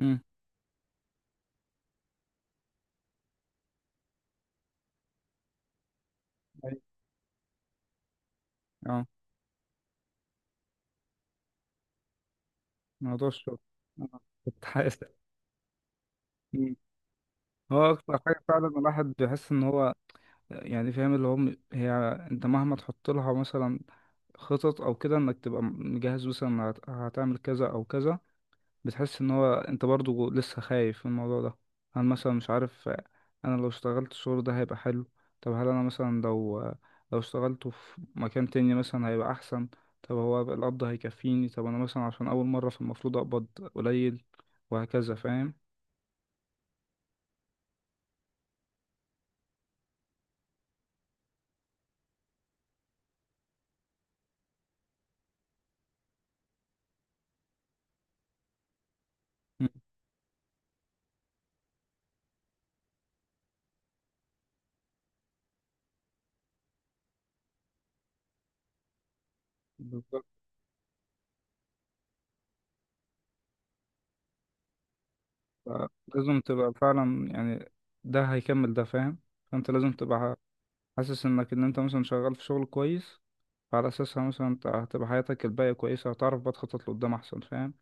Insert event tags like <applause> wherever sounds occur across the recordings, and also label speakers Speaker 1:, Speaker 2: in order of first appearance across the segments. Speaker 1: امم أيوة. اه. موضوع الشغل، كنت حاسس. مم. هو أكتر حاجة فعلا الواحد بيحس إن هو يعني فاهم اللي هو هي. أنت مهما تحط لها مثلا خطط أو كده إنك تبقى مجهز مثلا هتعمل كذا أو كذا. بتحس ان هو انت برضو لسه خايف من الموضوع ده. انا مثلا مش عارف. انا لو اشتغلت الشغل ده هيبقى حلو. طب هل انا مثلا لو اشتغلته في مكان تاني مثلا هيبقى احسن. طب هو القبض هيكفيني؟ طب انا مثلا عشان اول مرة فالمفروض اقبض قليل، وهكذا، فاهم؟ مم. بالظبط. آه، لازم تبقى فعلا، يعني ده هيكمل ده، فاهم؟ فانت لازم تبقى حاسس انك ان انت مثلا شغال في شغل كويس، فعلى اساسها مثلا انت هتبقى حياتك الباقية كويسة، هتعرف بقى تخطط لقدام احسن، فاهم؟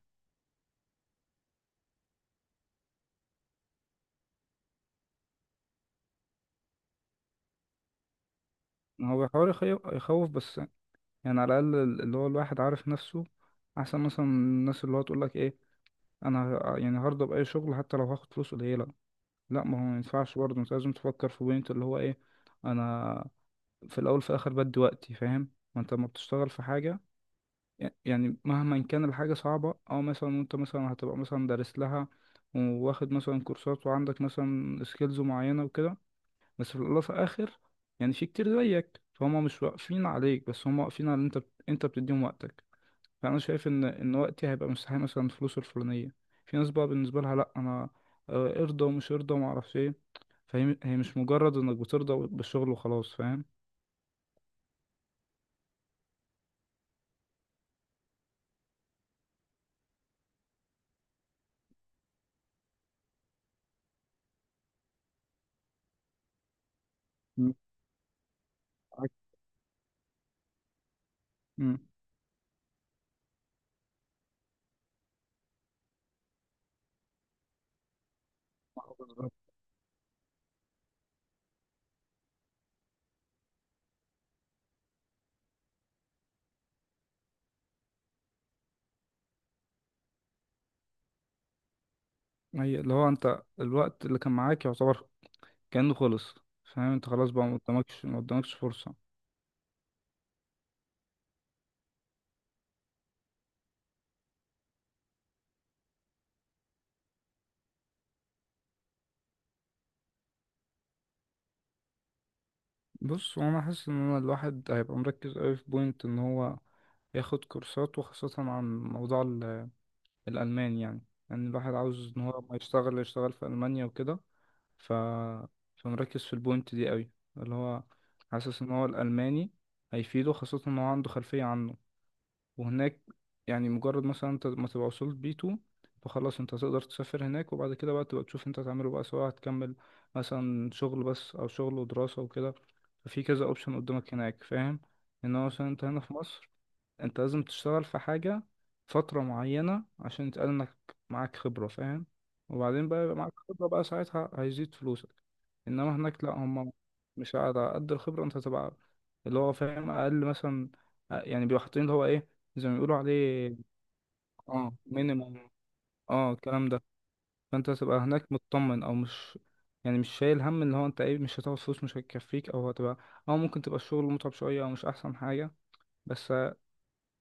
Speaker 1: هو بيحاول يخيف يخوف بس، يعني على الأقل اللي هو الواحد عارف نفسه أحسن مثلا من الناس اللي هو تقولك إيه، أنا يعني هرضى بأي شغل حتى لو هاخد فلوس قليلة. لأ، ما هو ما ينفعش برضه، أنت لازم تفكر في بوينت اللي هو إيه. أنا في الأول في الآخر بدي وقتي، فاهم؟ ما أنت لما بتشتغل في حاجة، يعني مهما كان الحاجة صعبة أو مثلا أنت مثلا هتبقى مثلا دارس لها، وواخد مثلا كورسات وعندك مثلا سكيلز معينة وكده، بس في الأول وفي الآخر، يعني في كتير زيك فهم مش واقفين عليك، بس هم واقفين على إن أنت بتديهم وقتك. فأنا شايف إن وقتي هيبقى مستحيل مثلا الفلوس الفلانية. في ناس بقى بالنسبة لها لأ، أنا ارضى ومش ارضى ومعرفش إيه. فهي مش مجرد إنك بترضى بالشغل وخلاص، فاهم؟ مم. معاك. مم. بالظبط. هي اللي هو أنت الوقت اللي كان معاك يعتبر كأنه خلص، فاهم؟ أنت خلاص بقى، ما قدامكش فرصة. بص، وانا حاسس ان انا الواحد هيبقى مركز قوي في بوينت ان هو ياخد كورسات، وخاصة عن موضوع الالمان يعني. يعني الواحد عاوز ان هو لما يشتغل في المانيا وكده. ف فمركز في البوينت دي قوي، اللي هو حاسس ان هو الالماني هيفيده، خاصة ان هو عنده خلفية عنه. وهناك يعني مجرد مثلا انت ما تبقى وصلت بي 2، فخلاص انت تقدر تسافر هناك، وبعد كده بقى تبقى تشوف انت هتعمله بقى، سواء هتكمل مثلا شغل بس او شغل ودراسة وكده. ففي كذا اوبشن قدامك هناك، فاهم؟ انما مثلا انت هنا في مصر، انت لازم تشتغل في حاجة فترة معينة عشان يتقال انك معاك خبرة، فاهم؟ وبعدين بقى يبقى معاك خبرة، بقى ساعتها هيزيد فلوسك. انما هناك لا، هم مش على قد الخبرة انت تبقى اللي هو فاهم اقل مثلا، يعني بيبقوا حاطين اللي هو ايه زي ما بيقولوا عليه، اه مينيمم. اه الكلام ده. فانت تبقى هناك مطمن او مش، يعني مش شايل هم اللي هو انت ايه، مش هتاخد فلوس مش هتكفيك او هتبقى، او ممكن تبقى الشغل متعب شوية او مش احسن حاجة. بس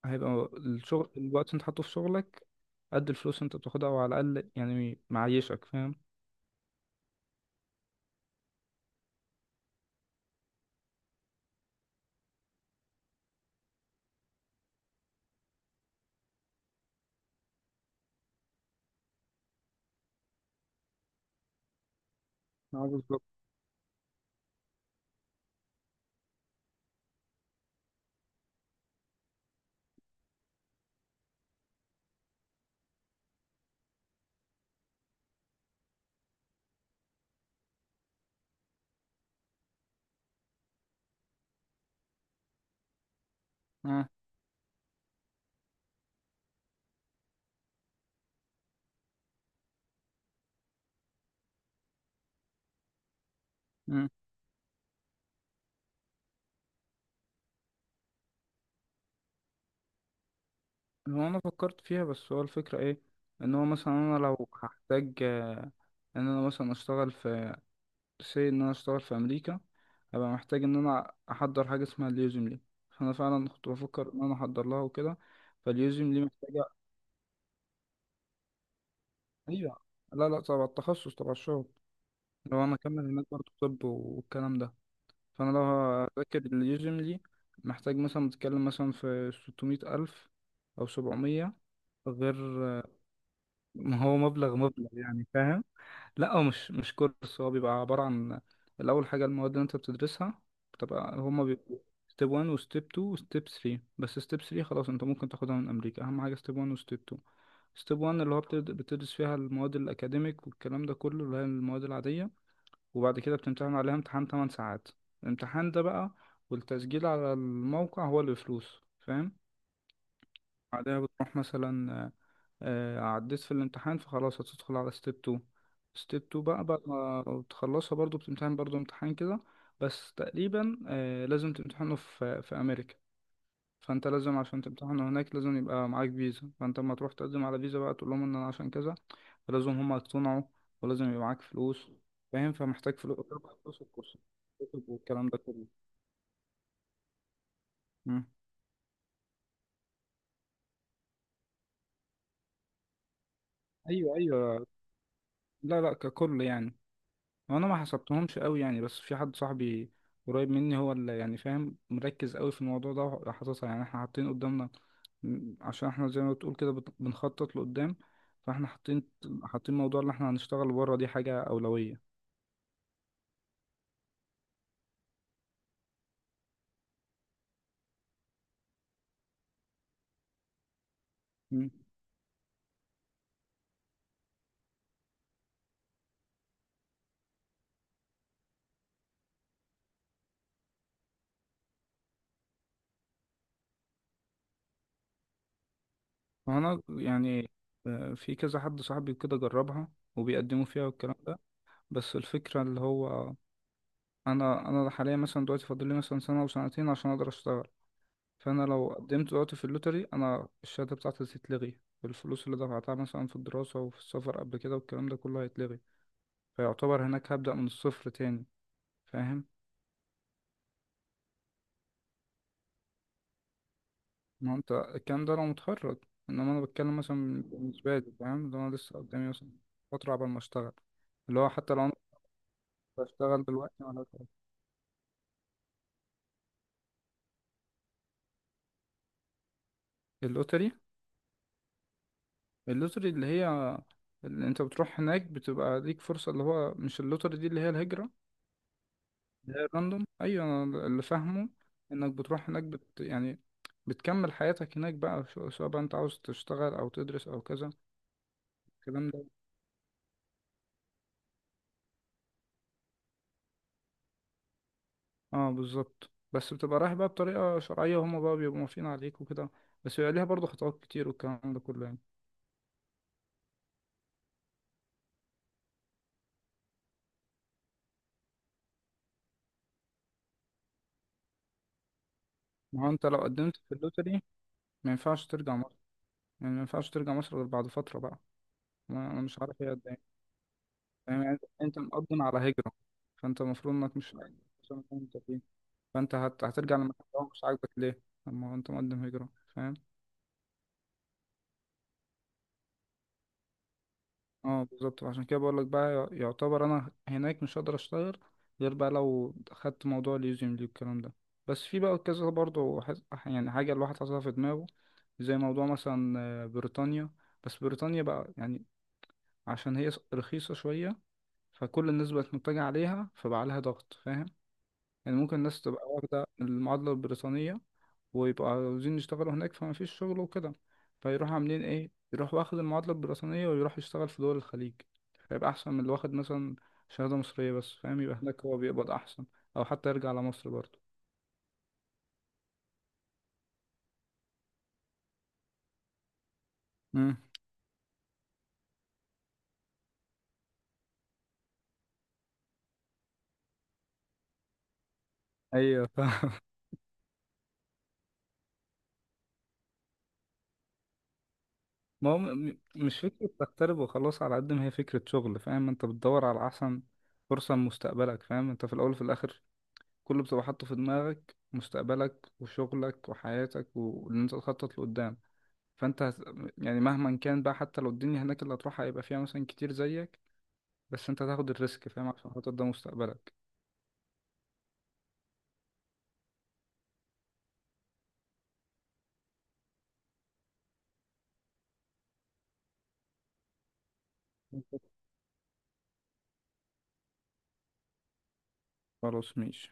Speaker 1: هيبقى الشغل، الوقت اللي انت حاطه في شغلك قد الفلوس اللي انت بتاخدها، او على الاقل يعني معيشك، فاهم؟ اه بالظبط. اه. مم. هو انا فكرت فيها، بس هو الفكرة ايه؟ ان هو مثلا انا لو هحتاج ان انا مثلا اشتغل في سي ان انا اشتغل في امريكا، هبقى محتاج ان انا احضر حاجة اسمها اليوزم لي، فانا فعلا كنت بفكر ان انا احضر لها وكده. فاليوزم لي محتاجة. ايوه. لا، لا، طبعا التخصص تبع الشغل. لو انا اكمل هناك برضه، طب والكلام ده. فأنا لو هذاكر اليوجملي، محتاج مثلا بتكلم مثلا في 600 ألف أو 700، غير، ما هو مبلغ مبلغ يعني، فاهم؟ لا، هو مش كورس، هو بيبقى عبارة عن الأول حاجة المواد اللي أنت بتدرسها بتبقى هما بيبقوا ستيب 1 وستيب 2 وستيب 3، بس ستيب 3 خلاص أنت ممكن تاخدها من أمريكا، أهم حاجة ستيب 1 وستيب 2. ستيب 1 اللي هو بتدرس فيها المواد الأكاديميك والكلام ده كله، اللي هي المواد العادية. وبعد كده بتمتحن عليها امتحان 8 ساعات. الامتحان ده بقى والتسجيل على الموقع هو اللي بفلوس، فاهم؟ بعدها بتروح مثلا، عديت في الامتحان فخلاص هتدخل على ستيب 2. ستيب 2 بقى، بعد ما بتخلصها برضو بتمتحن برضو امتحان كده. بس تقريبا لازم تمتحنه في أمريكا. فانت لازم، عشان تمتحن هناك لازم يبقى معاك فيزا، فانت لما تروح تقدم على فيزا بقى تقول لهم ان انا عشان كذا، فلازم هم يقتنعوا، ولازم يبقى معاك فلوس، فاهم؟ فمحتاج فلوس طبعا، فلوس الكورس والكلام ده كله. مم. ايوه، ايوه. لا، لا، ككل يعني. وانا ما حسبتهمش قوي يعني، بس في حد صاحبي قريب مني هو اللي يعني فاهم مركز قوي في الموضوع ده، وحاططها يعني احنا حاطين قدامنا. عشان احنا زي ما بتقول كده بنخطط لقدام، فاحنا حاطين موضوع اللي احنا هنشتغل بره دي حاجة أولوية. ما انا يعني في كذا حد صاحبي كده جربها وبيقدموا فيها والكلام ده. بس الفكرة اللي هو انا حاليا مثلا دلوقتي فاضل لي مثلا سنة او سنتين عشان اقدر اشتغل. فانا لو قدمت دلوقتي في اللوتري، انا الشهادة بتاعتي هتتلغي، الفلوس اللي دفعتها مثلا في الدراسة وفي السفر قبل كده والكلام ده كله هيتلغي. فيعتبر هناك هبدأ من الصفر تاني، فاهم؟ ما هو انت الكلام ده لو متخرج، انما انا بتكلم مثلا بالنسبة لي فاهم، اللي انا لسه قدامي مثلا فترة قبل ما اشتغل، اللي هو حتى لو بشتغل دلوقتي ولا شغل؟ اللوتري. اللوتري اللي هي، اللي انت بتروح هناك بتبقى ليك فرصة، اللي هو مش اللوتري دي اللي هي الهجرة، اللي هي الراندوم. ايوه انا اللي فاهمه انك بتروح هناك يعني بتكمل حياتك هناك بقى، سواء بقى انت عاوز تشتغل او تدرس او كذا الكلام ده. اه بالظبط، بس بتبقى رايح بقى بطريقة شرعية وهما بقى بيبقوا موافقين عليك وكده، بس بيبقى ليها برضه خطوات كتير والكلام ده كله يعني. ما هو انت لو قدمت في اللوتري ما ينفعش ترجع مصر، يعني ما ينفعش ترجع مصر غير بعد فترة بقى، انا مش عارف ايه قد ايه. فاهم؟ يعني انت مقدم على هجرة، فانت المفروض انك مش عشان مكان انت فيه فانت هترجع للمكان ده مش عاجبك ليه، اما هو انت مقدم هجرة، فاهم؟ اه بالظبط، عشان كده بقول لك بقى، يعتبر انا هناك مش هقدر اشتغل غير بقى لو خدت موضوع اليوزيم دي والكلام ده. بس في بقى كذا برضه يعني حاجة الواحد حاططها في دماغه، زي موضوع مثلا بريطانيا. بس بريطانيا بقى يعني، عشان هي رخيصة شوية، فكل الناس بقت متجهة عليها فبقى عليها ضغط، فاهم؟ يعني ممكن الناس تبقى واخدة المعادلة البريطانية، ويبقوا عاوزين يشتغلوا هناك فما فيش شغل وكده، فيروحوا عاملين ايه، يروح واخد المعادلة البريطانية ويروح يشتغل في دول الخليج، فيبقى أحسن من اللي واخد مثلا شهادة مصرية بس، فاهم؟ يبقى هناك هو بيقبض أحسن، أو حتى يرجع على مصر برضه. امم. ايوه فاهم. <laughs> ما هو مش فكرة تغترب وخلاص على قد ما هي فكرة شغل، فاهم؟ انت بتدور على أحسن فرصة لمستقبلك، فاهم؟ انت في الأول وفي الآخر كله بتبقى حاطه في دماغك مستقبلك وشغلك وحياتك واللي انت تخطط لقدام. فانت يعني مهما كان بقى حتى لو الدنيا هناك اللي هتروحها هيبقى فيها مثلا كتير زيك، بس انت هتاخد الريسك فاهم، عشان خاطر ده مستقبلك. خلاص ماشي.